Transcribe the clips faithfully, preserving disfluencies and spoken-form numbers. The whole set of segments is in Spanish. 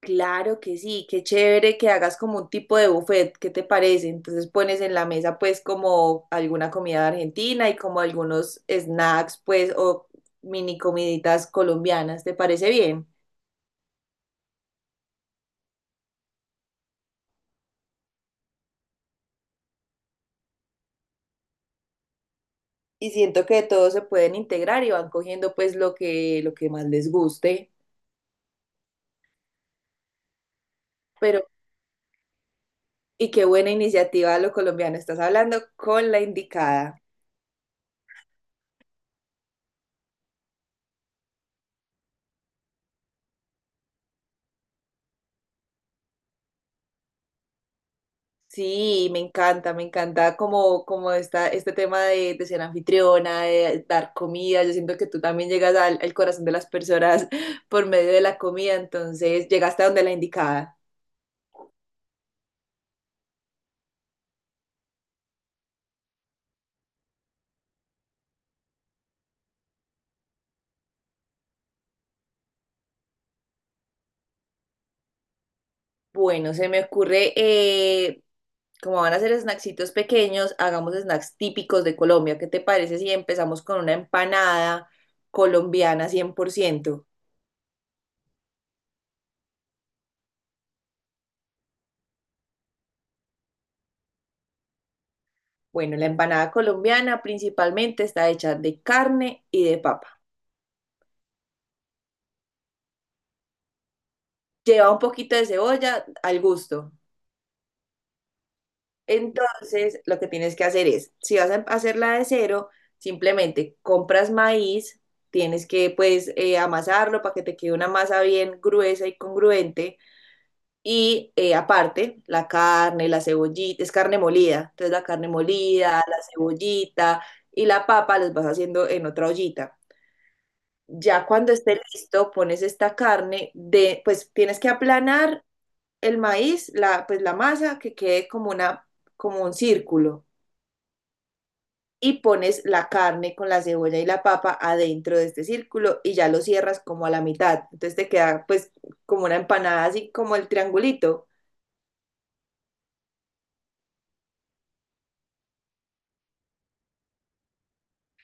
Claro que sí, qué chévere que hagas como un tipo de buffet, ¿qué te parece? Entonces pones en la mesa pues como alguna comida argentina y como algunos snacks pues o mini comiditas colombianas, ¿te parece bien? Y siento que todos se pueden integrar y van cogiendo pues lo que lo que más les guste, pero y qué buena iniciativa lo colombiano, estás hablando con la indicada. Sí, me encanta, me encanta como, como esta, este tema de, de ser anfitriona, de dar comida. Yo siento que tú también llegas al, al corazón de las personas por medio de la comida, entonces llegaste a donde la indicada. Bueno, se me ocurre, eh, como van a ser snacksitos pequeños, hagamos snacks típicos de Colombia. ¿Qué te parece si empezamos con una empanada colombiana cien por ciento? Bueno, la empanada colombiana principalmente está hecha de carne y de papa. Lleva un poquito de cebolla al gusto. Entonces, lo que tienes que hacer es, si vas a hacerla de cero, simplemente compras maíz, tienes que pues eh, amasarlo para que te quede una masa bien gruesa y congruente. Y eh, aparte, la carne, la cebollita, es carne molida. Entonces, la carne molida, la cebollita y la papa las vas haciendo en otra ollita. Ya cuando esté listo, pones esta carne de, pues tienes que aplanar el maíz, la, pues la masa que quede como, una, como un círculo y pones la carne con la cebolla y la papa adentro de este círculo y ya lo cierras como a la mitad. Entonces te queda pues como una empanada así como el triangulito.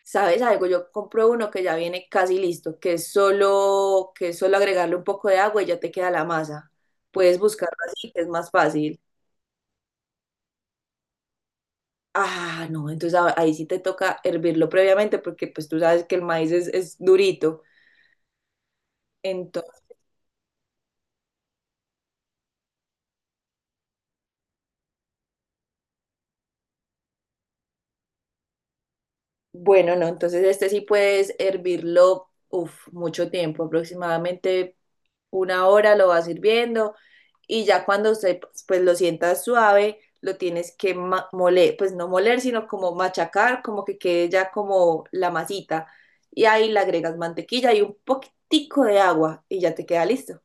¿Sabes algo? Yo compro uno que ya viene casi listo, que es solo, que es solo agregarle un poco de agua y ya te queda la masa. Puedes buscarlo así, que es más fácil. Ah, no, entonces a- ahí sí te toca hervirlo previamente porque pues tú sabes que el maíz es, es durito. Bueno, no, entonces este sí puedes hervirlo, uf, mucho tiempo, aproximadamente una hora lo vas hirviendo y ya cuando se, pues lo sientas suave, lo tienes que ma- moler, pues no moler, sino como machacar, como que quede ya como la masita y ahí le agregas mantequilla y un poquitico de agua y ya te queda listo.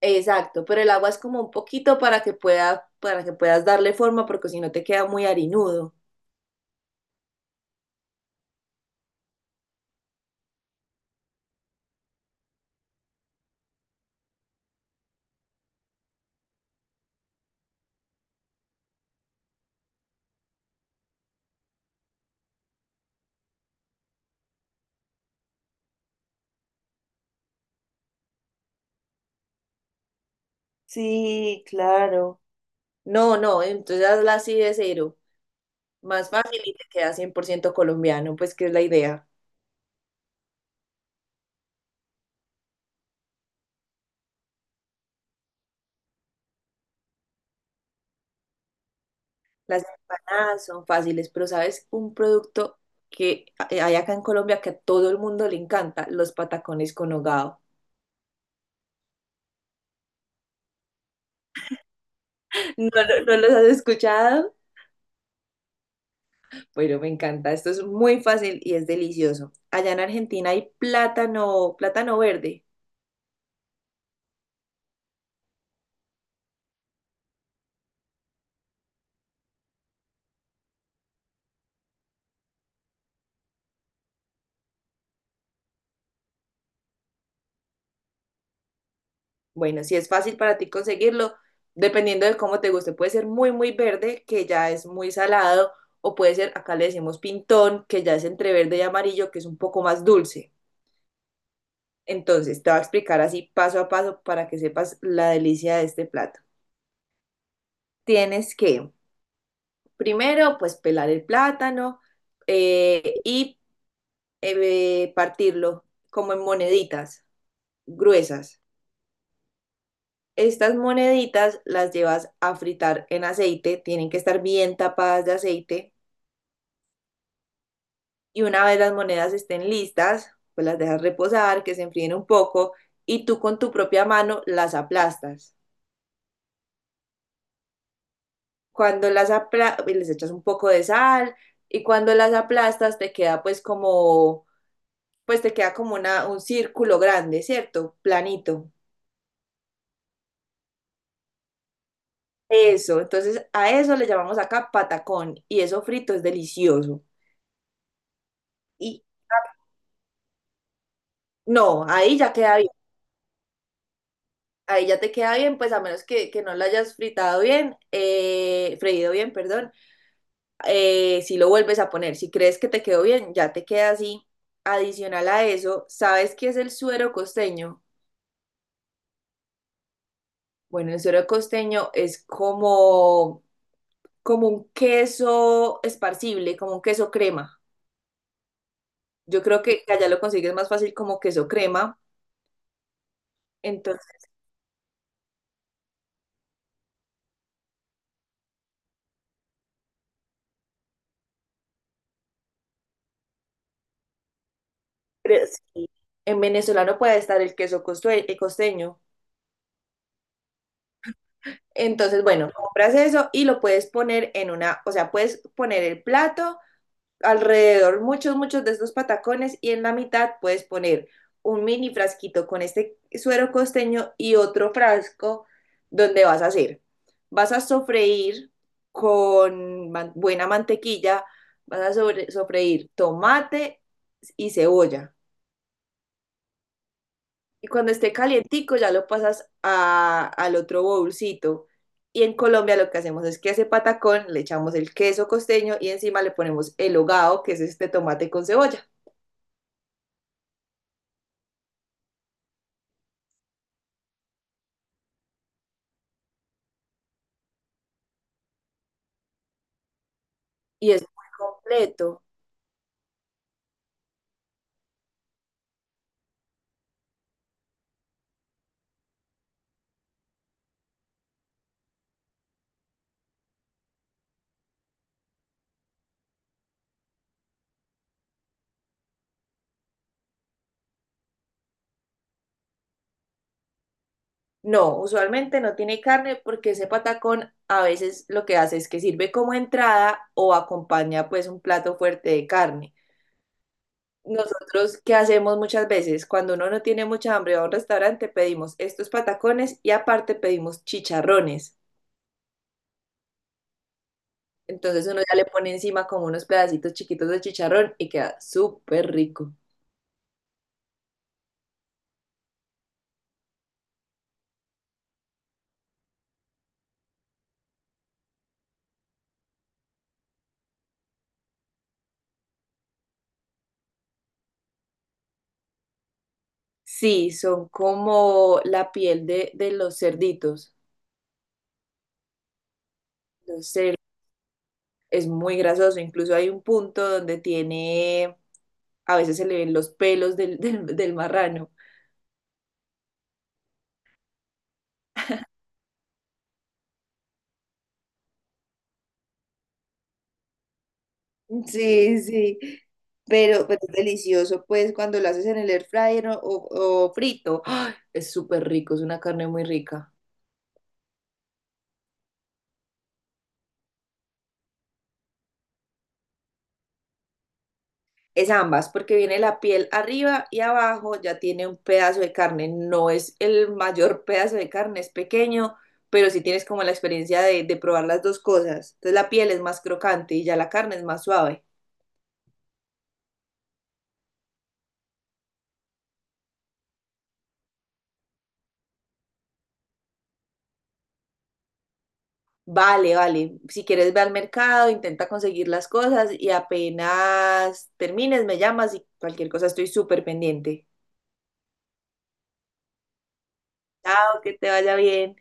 Exacto, pero el agua es como un poquito para que pueda, para que puedas darle forma porque si no te queda muy harinudo. Sí, claro. No, no, entonces la así de cero. Más fácil y te queda cien por ciento colombiano, pues que es la idea. Las empanadas son fáciles, pero ¿sabes? Un producto que hay acá en Colombia que a todo el mundo le encanta, los patacones con hogao. No, lo- no, los has escuchado, pero me encanta. Esto es muy fácil y es delicioso. Allá en Argentina hay plátano, plátano verde. Bueno, si es fácil para ti conseguirlo, dependiendo de cómo te guste, puede ser muy, muy verde, que ya es muy salado, o puede ser, acá le decimos pintón, que ya es entre verde y amarillo, que es un poco más dulce. Entonces, te voy a explicar así paso a paso para que sepas la delicia de este plato. Tienes que, primero, pues pelar el plátano eh, y eh, partirlo como en moneditas gruesas. Estas moneditas las llevas a fritar en aceite, tienen que estar bien tapadas de aceite y una vez las monedas estén listas, pues las dejas reposar, que se enfríen un poco y tú con tu propia mano las aplastas. Cuando las aplastas, les echas un poco de sal y cuando las aplastas te queda pues como, pues te queda como una, un círculo grande, ¿cierto? Planito. Eso, entonces a eso le llamamos acá patacón y eso frito es delicioso. Y no, ahí ya queda ahí ya te queda bien, pues a menos que, que no lo hayas fritado bien, eh, freído bien, perdón, eh, si lo vuelves a poner, si crees que te quedó bien, ya te queda así. Adicional a eso, ¿sabes qué es el suero costeño? Bueno, el suero costeño es como, como un queso esparcible, como un queso crema. Yo creo que allá lo consigues más fácil como queso crema. Entonces, pero sí, en venezolano puede estar el queso costue- eh, costeño. Entonces, bueno, compras eso y lo puedes poner en una, o sea, puedes poner el plato alrededor, muchos, muchos de estos patacones y en la mitad puedes poner un mini frasquito con este suero costeño y otro frasco donde vas a hacer. Vas a sofreír con man- buena mantequilla, vas a sobre- sofreír tomate y cebolla. Y cuando esté calientico ya lo pasas a- al otro bolsito. Y en Colombia lo que hacemos es que a ese patacón le echamos el queso costeño y encima le ponemos el hogao, que es este tomate con cebolla. Y es muy completo. No, usualmente no tiene carne porque ese patacón a veces lo que hace es que sirve como entrada o acompaña pues un plato fuerte de carne. Nosotros, ¿qué hacemos muchas veces? Cuando uno no tiene mucha hambre va a un restaurante, pedimos estos patacones y aparte pedimos chicharrones. Entonces uno ya le pone encima como unos pedacitos chiquitos de chicharrón y queda súper rico. Sí, son como la piel de, de los cerditos. Los cer- es muy grasoso. Incluso hay un punto donde tiene, a veces se le ven los pelos del, del, del marrano. Sí, sí, pero, pero es delicioso, pues, cuando lo haces en el air fryer o, o- o frito. ¡Ah! Es súper rico, es una carne muy rica. Es ambas, porque viene la piel arriba y abajo, ya tiene un pedazo de carne, no es el mayor pedazo de carne, es pequeño, pero sí tienes como la experiencia de, de probar las dos cosas. Entonces la piel es más crocante y ya la carne es más suave. Vale, vale, si quieres ve al mercado, intenta conseguir las cosas y apenas termines me llamas y cualquier cosa estoy súper pendiente. Chao, que te vaya bien.